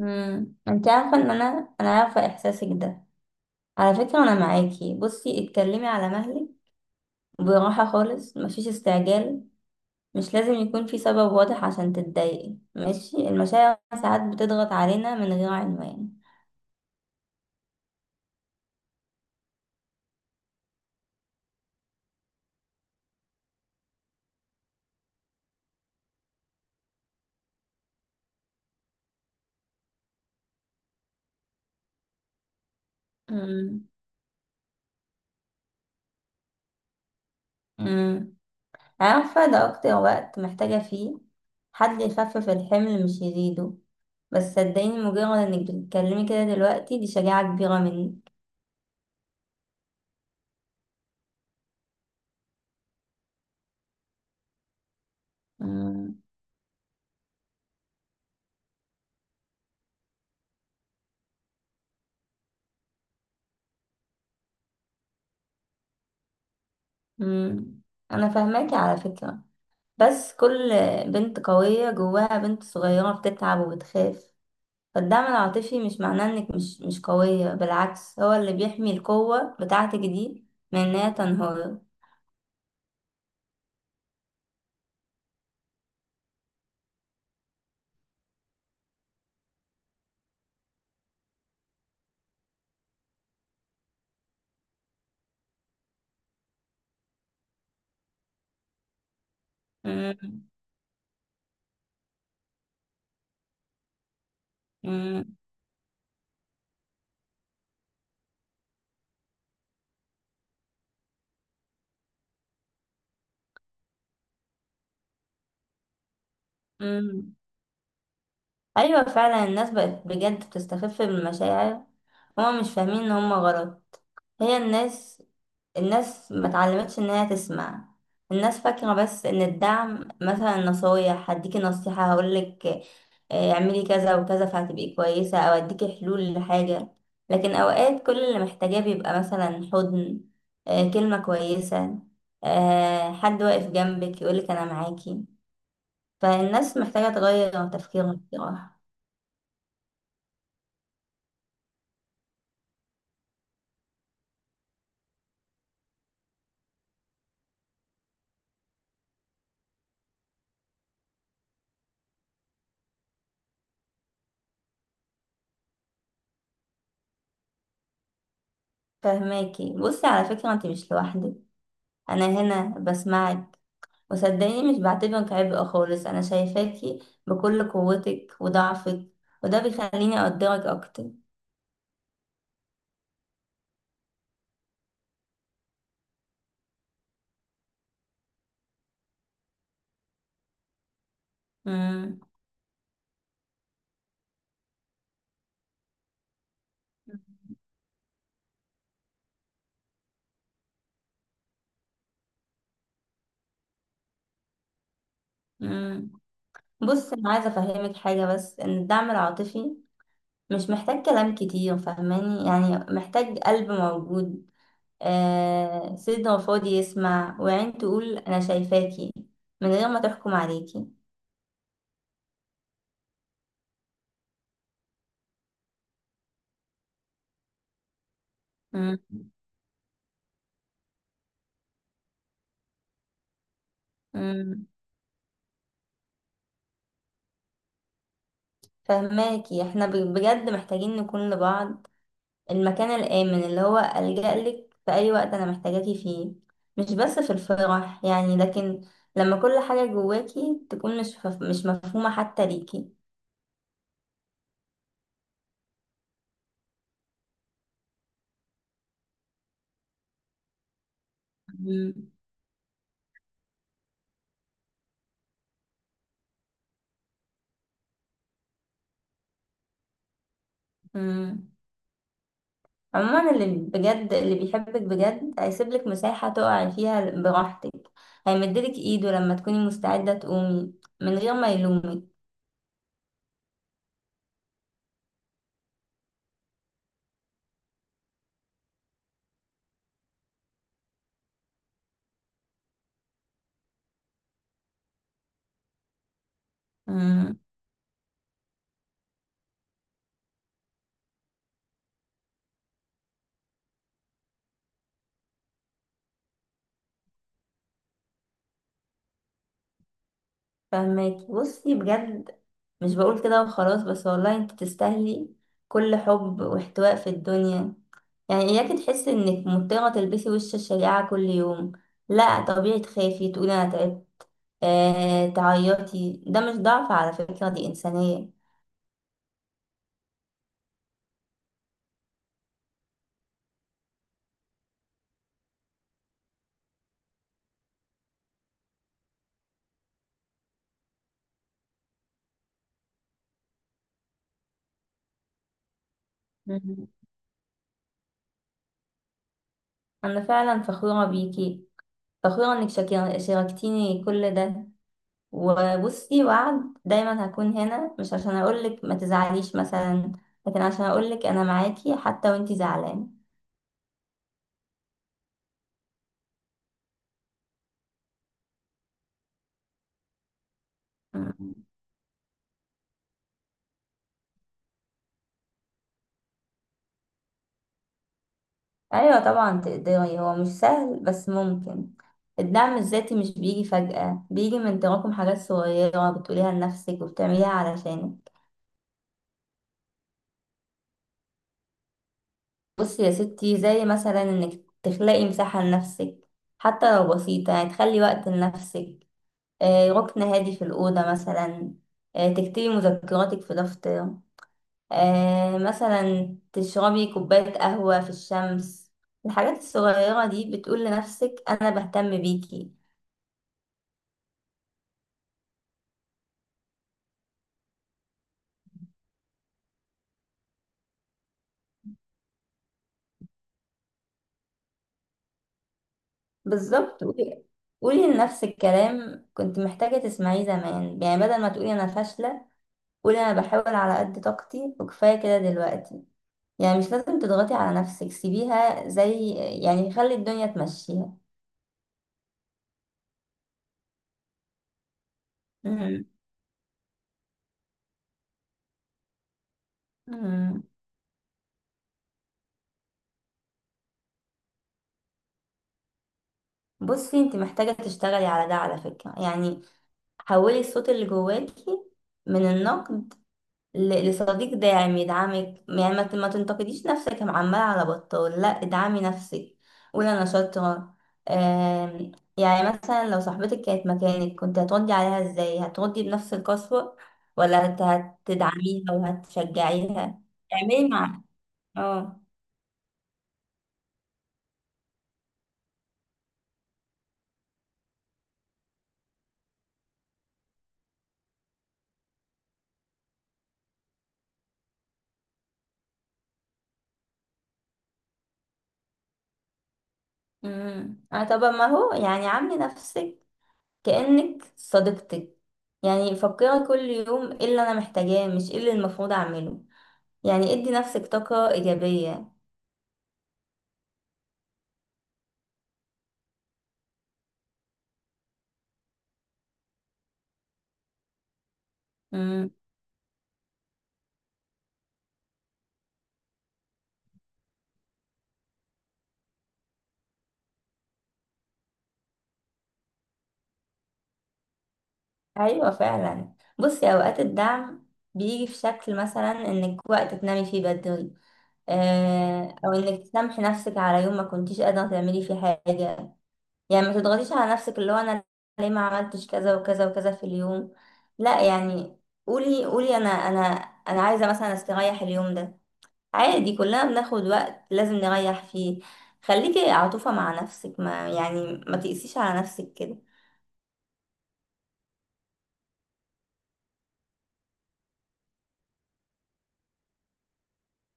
انت عارفه ان انا عارفه احساسك ده. على فكره انا معاكي، بصي اتكلمي على مهلك، براحه خالص، مفيش استعجال. مش لازم يكون في سبب واضح عشان تتضايقي، ماشي، المشاعر ساعات بتضغط علينا من غير عنوان. امم امم عارفه ده اكتر وقت محتاجه فيه حد يخفف الحمل مش يزيده. بس صدقيني، مجرد انك بتتكلمي كده دلوقتي دي شجاعه كبيره منك. امم امم انا فاهماكي على فكره، بس كل بنت قوية جواها بنت صغيرة بتتعب وبتخاف. فالدعم العاطفي مش معناه انك مش قوية، بالعكس هو اللي بيحمي القوة بتاعتك دي من انها تنهار. مم، مم، مم. ايوه فعلا الناس بقت بجد بتستخف بالمشاعر، هما مش فاهمين ان هما غلط. هي الناس ما اتعلمتش ان هي تسمع. الناس فاكرة بس ان الدعم مثلا نصايح. هديكي نصيحة، هقولك آه، اعملي كذا وكذا فهتبقي كويسة، او اديكي حلول لحاجة. لكن اوقات كل اللي محتاجاه بيبقى مثلا حضن، آه، كلمة كويسة، آه، حد واقف جنبك يقولك انا معاكي. فالناس محتاجة تغير تفكيرها بصراحة. فهماكي، بصي على فكرة، انت مش لوحدك، انا هنا بسمعك. وصدقيني مش بعتبرك عبء خالص، أنا شايفاكي بكل قوتك وضعفك، وده بيخليني أقدرك أكتر. مم. مم. بص، أنا عايزة أفهمك حاجة، بس إن الدعم العاطفي مش محتاج كلام كتير، فاهماني؟ يعني محتاج قلب موجود، آه، صدر فاضي يسمع، وعين تقول أنا شايفاكي من غير ما تحكم عليكي. مم. مم. فهماكي، احنا بجد محتاجين نكون لبعض المكان الآمن، اللي هو ألجأ لك في أي وقت أنا محتاجاكي فيه، مش بس في الفرح يعني، لكن لما كل حاجة جواكي تكون مش مفهومة حتى ليكي. مم. مم. عموما اللي بيحبك بجد هيسيبلك مساحة تقعي فيها براحتك، هيمدلك إيده لما تكوني مستعدة تقومي من غير ما يلومك. مم. فهماكي بصي، بجد مش بقول كده وخلاص بس، والله انت تستاهلي كل حب واحتواء في الدنيا. يعني اياكي تحسي انك مضطرة تلبسي وش الشريعة كل يوم، لا، طبيعي تخافي، تقولي انا تعبت، آه، تعيطي، ده مش ضعف على فكرة، دي انسانية. مم. انا فعلا فخورة بيكي، فخورة انك شاركتيني كل ده. وبصي، وعد دايما هكون هنا، مش عشان اقولك ما تزعليش مثلا، لكن عشان اقولك انا معاكي حتى وانتي زعلانه. مم. ايوه طبعا تقدري، هو مش سهل بس ممكن. الدعم الذاتي مش بيجي فجأة، بيجي من تراكم حاجات صغيرة بتقوليها لنفسك وبتعمليها علشانك. بصي يا ستي، زي مثلا انك تخلقي مساحة لنفسك، حتى لو بسيطة، يعني تخلي وقت لنفسك، آه، ركن هادي في الأوضة مثلا، آه، تكتبي مذكراتك في دفتر، آه مثلا تشربي كوباية قهوة في الشمس. الحاجات الصغيرة دي بتقول لنفسك أنا بهتم بيكي. بالظبط، قولي، قولي لنفسك كلام كنت محتاجة تسمعيه زمان، يعني بدل ما تقولي أنا فاشلة، قولي أنا بحاول على قد طاقتي وكفاية كده دلوقتي. يعني مش لازم تضغطي على نفسك، سيبيها زي، يعني خلي الدنيا تمشيها. مم. مم. بصي انت محتاجة تشتغلي على ده على فكرة، يعني حولي الصوت اللي جواكي من النقد لصديق داعم يدعمك، يعني ما تنتقديش نفسك عمال على بطال، لا، ادعمي نفسك، قولي انا شاطره. يعني مثلا لو صاحبتك كانت مكانك كنت هتردي عليها ازاي؟ هتردي بنفس القسوه ولا هتدعميها وهتشجعيها؟ اعملي مع اه اه طب ما هو، يعني عاملي نفسك كأنك صديقتك. يعني فكري كل يوم ايه اللي انا محتاجاه، مش ايه اللي المفروض اعمله، يعني ادي نفسك طاقة إيجابية. امم ايوه فعلا، بصي اوقات الدعم بيجي في شكل مثلا انك وقت تنامي فيه بدري، آه، او انك تسامحي نفسك على يوم ما كنتيش قادره تعملي فيه حاجه، يعني ما تضغطيش على نفسك اللي هو انا ليه ما عملتش كذا وكذا وكذا في اليوم. لا يعني، قولي، قولي انا، انا عايزه مثلا استريح اليوم ده. عادي كلنا بناخد وقت لازم نريح فيه. خليكي عطوفه مع نفسك، ما يعني ما تقسيش على نفسك كده.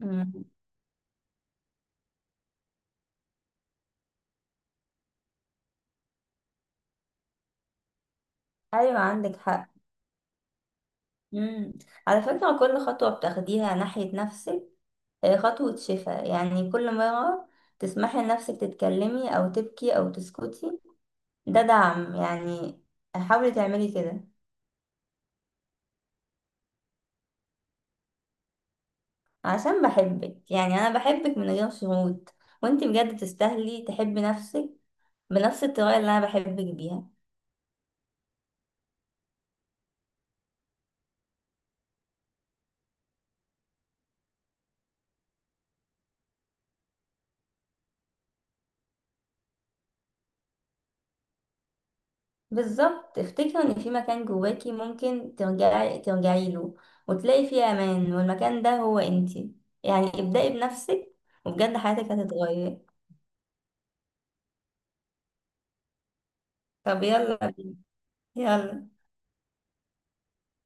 مم. ايوه عندك حق. مم. على فكرة كل خطوة بتاخديها ناحية نفسك هي خطوة شفاء، يعني كل مرة تسمحي لنفسك تتكلمي أو تبكي أو تسكتي ده دعم، يعني حاولي تعملي كده. عشان بحبك، يعني أنا بحبك من غير شروط، وانتي بجد تستاهلي تحبي نفسك بنفس الطريقة اللي أنا بحبك بيها. بالظبط، افتكري ان في مكان جواكي ممكن ترجعي له وتلاقي فيه امان، والمكان ده هو انتي، يعني ابدأي بنفسك، وبجد حياتك هتتغير. طب يلا بينا، يلا.